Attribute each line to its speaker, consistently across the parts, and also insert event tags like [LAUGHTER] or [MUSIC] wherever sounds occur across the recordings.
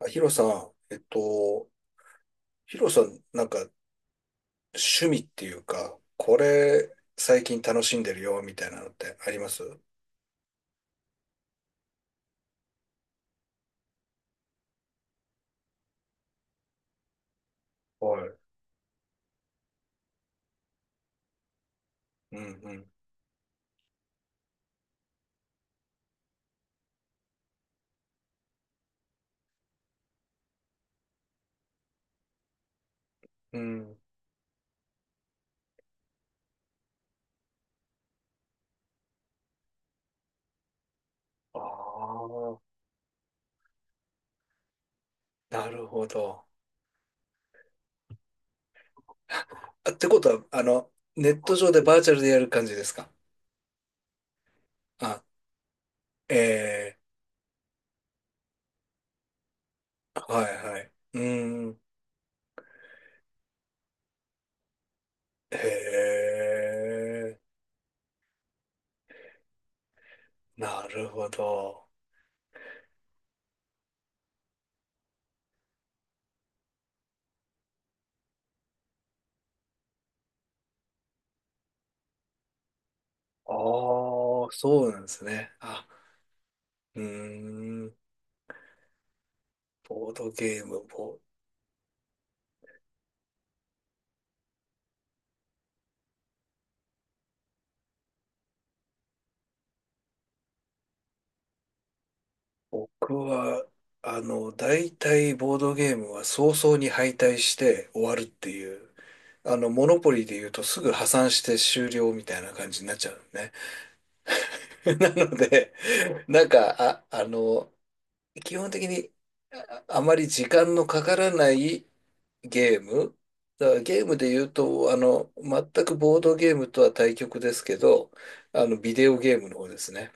Speaker 1: ヒロさん、ヒロさん、なんか趣味っていうか、これ最近楽しんでるよみたいなのってあります？はい。うんうん。うん。ああ、なるほど。あ、ってことは、ネット上でバーチャルでやる感じですか？あ、ええ、はいはい。うん。へえ、なるほど。ああ、そうなんですね。あ、うーん。ボードゲーム、僕は、大体ボードゲームは早々に敗退して終わるっていう、モノポリーで言うとすぐ破産して終了みたいな感じになっちゃうのね。[LAUGHS] なので、なんか、あ、あの、基本的にあまり時間のかからないゲーム。だからゲームで言うと、全くボードゲームとは対極ですけど、ビデオゲームの方ですね。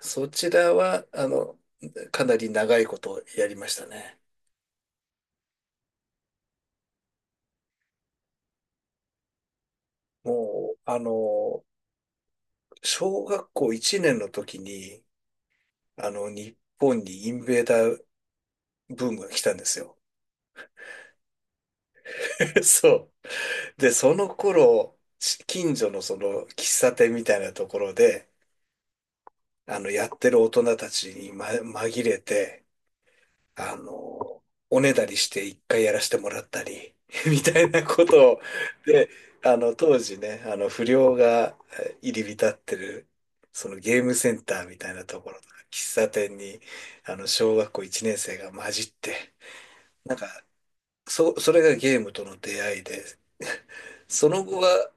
Speaker 1: そちらは、かなり長いことやりましたね。もう、小学校1年の時に、日本にインベーダーブームが来たんですよ。[LAUGHS] そう。で、その頃、近所のその喫茶店みたいなところで、やってる大人たちに、紛れて、あの、おねだりして一回やらせてもらったり、[LAUGHS] みたいなことを、で、当時ね、不良が入り浸ってる、そのゲームセンターみたいなところとか、喫茶店に、小学校1年生が混じって、なんか、それがゲームとの出会いで、その後は、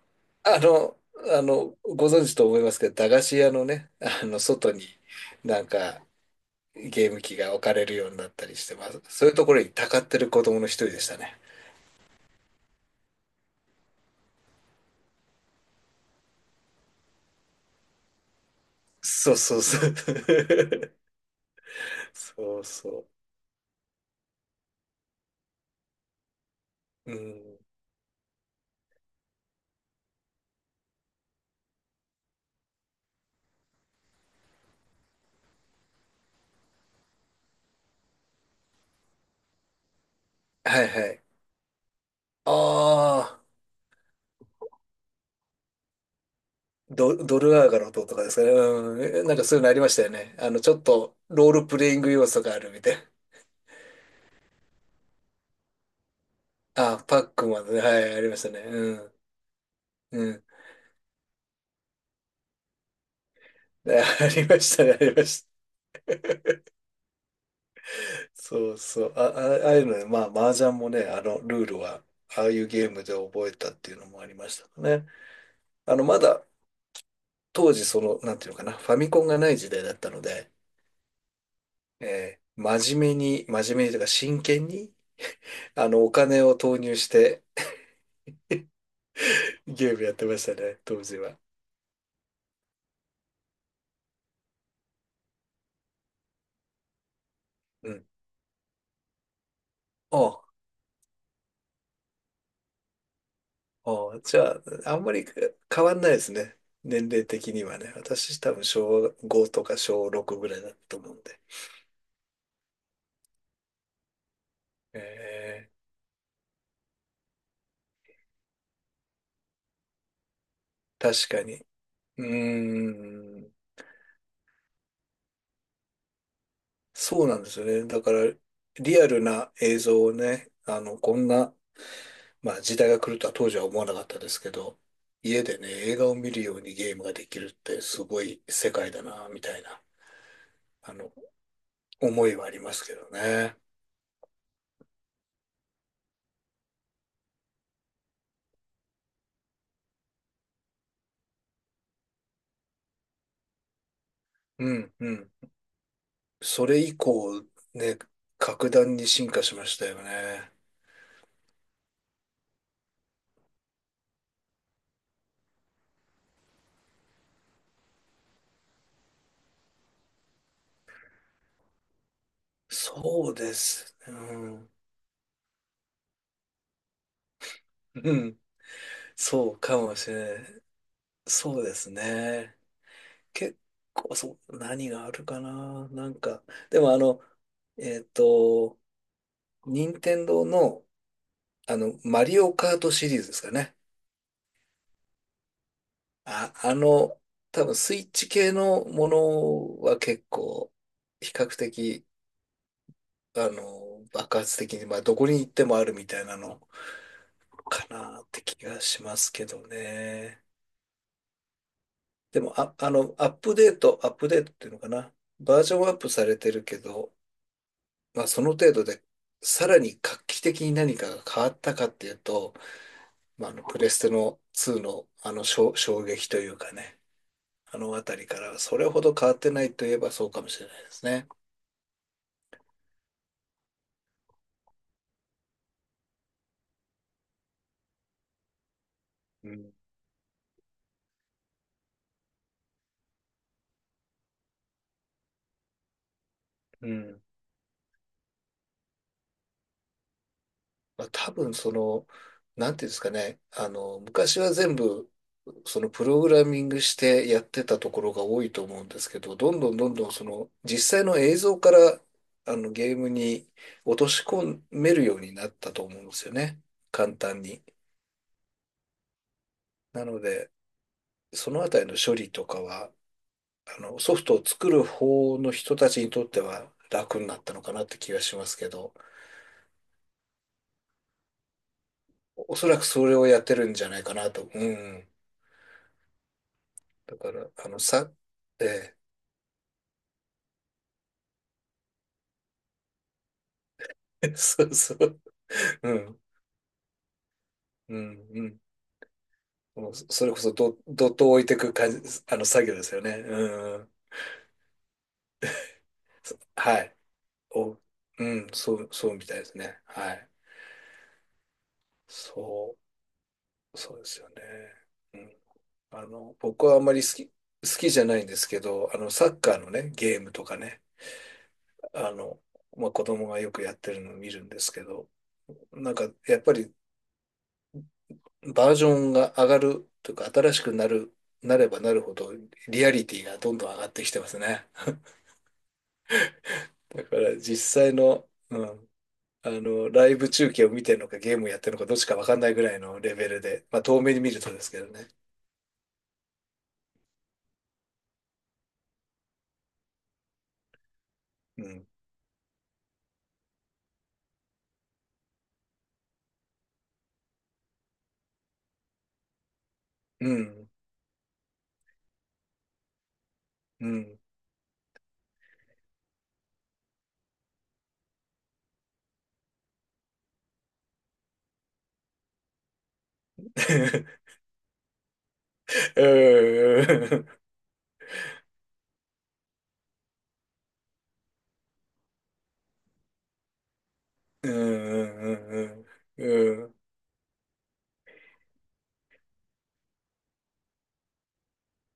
Speaker 1: あの、ご存知と思いますけど、駄菓子屋のね、外に、なんか、ゲーム機が置かれるようになったりして、まあ、そういうところにたかってる子供の一人でしたね。そうそうそう。[LAUGHS] そうそう。うん。はいはい。ああ、ドルアーガの塔とかですかね。うん。そういうのありましたよね。ちょっとロールプレイング要素があるみたいな。ああ、パックマンね。はい、ありましたね。うん。うん。[LAUGHS] ありましたね、ありました。そうそう。ああいうのね、まあ、麻雀もね、ルールは、ああいうゲームで覚えたっていうのもありましたね。まだ当時なんていうのかな、ファミコンがない時代だったので、真面目に、真面目にというか真剣に、お金を投入してゲームやってましたね、当時は。うん。ああ、ああじゃあ、あんまり変わんないですね。年齢的にはね。私多分小5とか小6ぐらいだったと思うんで。えー、確かに。うーん、そうなんですよね。だから、リアルな映像をね、こんな、まあ時代が来るとは当時は思わなかったですけど、家でね、映画を見るようにゲームができるってすごい世界だな、みたいな、あの、思いはありますけどね。うん、うん。それ以降、ね、格段に進化しましたよね。そうです。うん。うん。そうかもしれない。そうですね。結構、そう、何があるかな。でもえっと、任天堂の、マリオカートシリーズですかね。あ、あの、多分スイッチ系のものは結構、比較的、爆発的に、まあ、どこに行ってもあるみたいなのかなって気がしますけどね。でも、アップデート、アップデートっていうのかな。バージョンアップされてるけど、まあ、その程度で、さらに画期的に何かが変わったかっていうと、まあ、プレステの2の、衝撃というかね。あの辺りからそれほど変わってないといえばそうかもしれないですね。うんうん。まあ、多分なんていうんですかね、昔は全部、そのプログラミングしてやってたところが多いと思うんですけど、どんどんどんどんその実際の映像からゲームに落とし込めるようになったと思うんですよね。簡単に。なので、そのあたりの処理とかは、ソフトを作る方の人たちにとっては楽になったのかなって気がしますけど。おそらくそれをやってるんじゃないかなと。うん。だから、あの、さ、ええ [LAUGHS] そうそう。うん。うん。うん。もうそれこそどっと置いていく感じ、作業ですよね。うん。はい。お、うん。そう、そうみたいですね。はい。そう、そうですよね。うん。僕はあんまり好きじゃないんですけど、サッカーのね、ゲームとかね、あの、まあ、子供がよくやってるのを見るんですけど、やっぱりバージョンが上がるというか、新しくなる、なればなるほど、リアリティがどんどん上がってきてますね。だから実際の、うん、ライブ中継を見てるのか、ゲームやってるのか、どっちかわかんないぐらいのレベルで、まあ、遠目に見るとですけどね。うん。うん。うん。[LAUGHS] うん。うん。うん。うん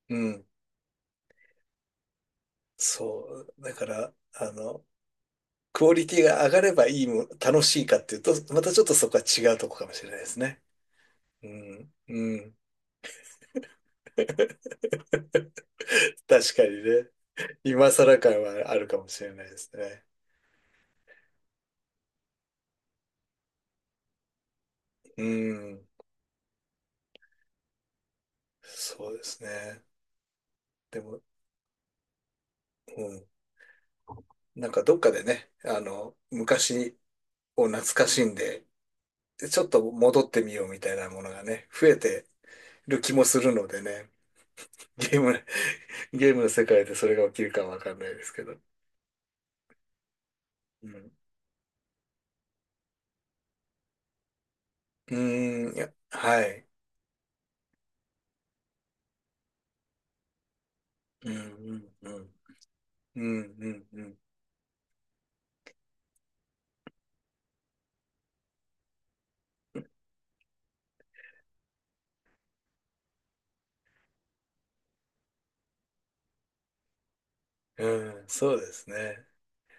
Speaker 1: うん。そう。だから、クオリティが上がればいいも、楽しいかっていうと、またちょっとそこは違うとこかもしれないですね。うん、うん。確かにね。今更感はあるかもしれないですね。うん。そうですね。でも、うん。どっかでね、昔を懐かしんで、ちょっと戻ってみようみたいなものがね、増えてる気もするのでね。ゲーム、[LAUGHS] ゲームの世界でそれが起きるかわかんないですけど。うん。うーん、いや、はい。うん、うん、うん。うん、うん、うん。うん、そうですね。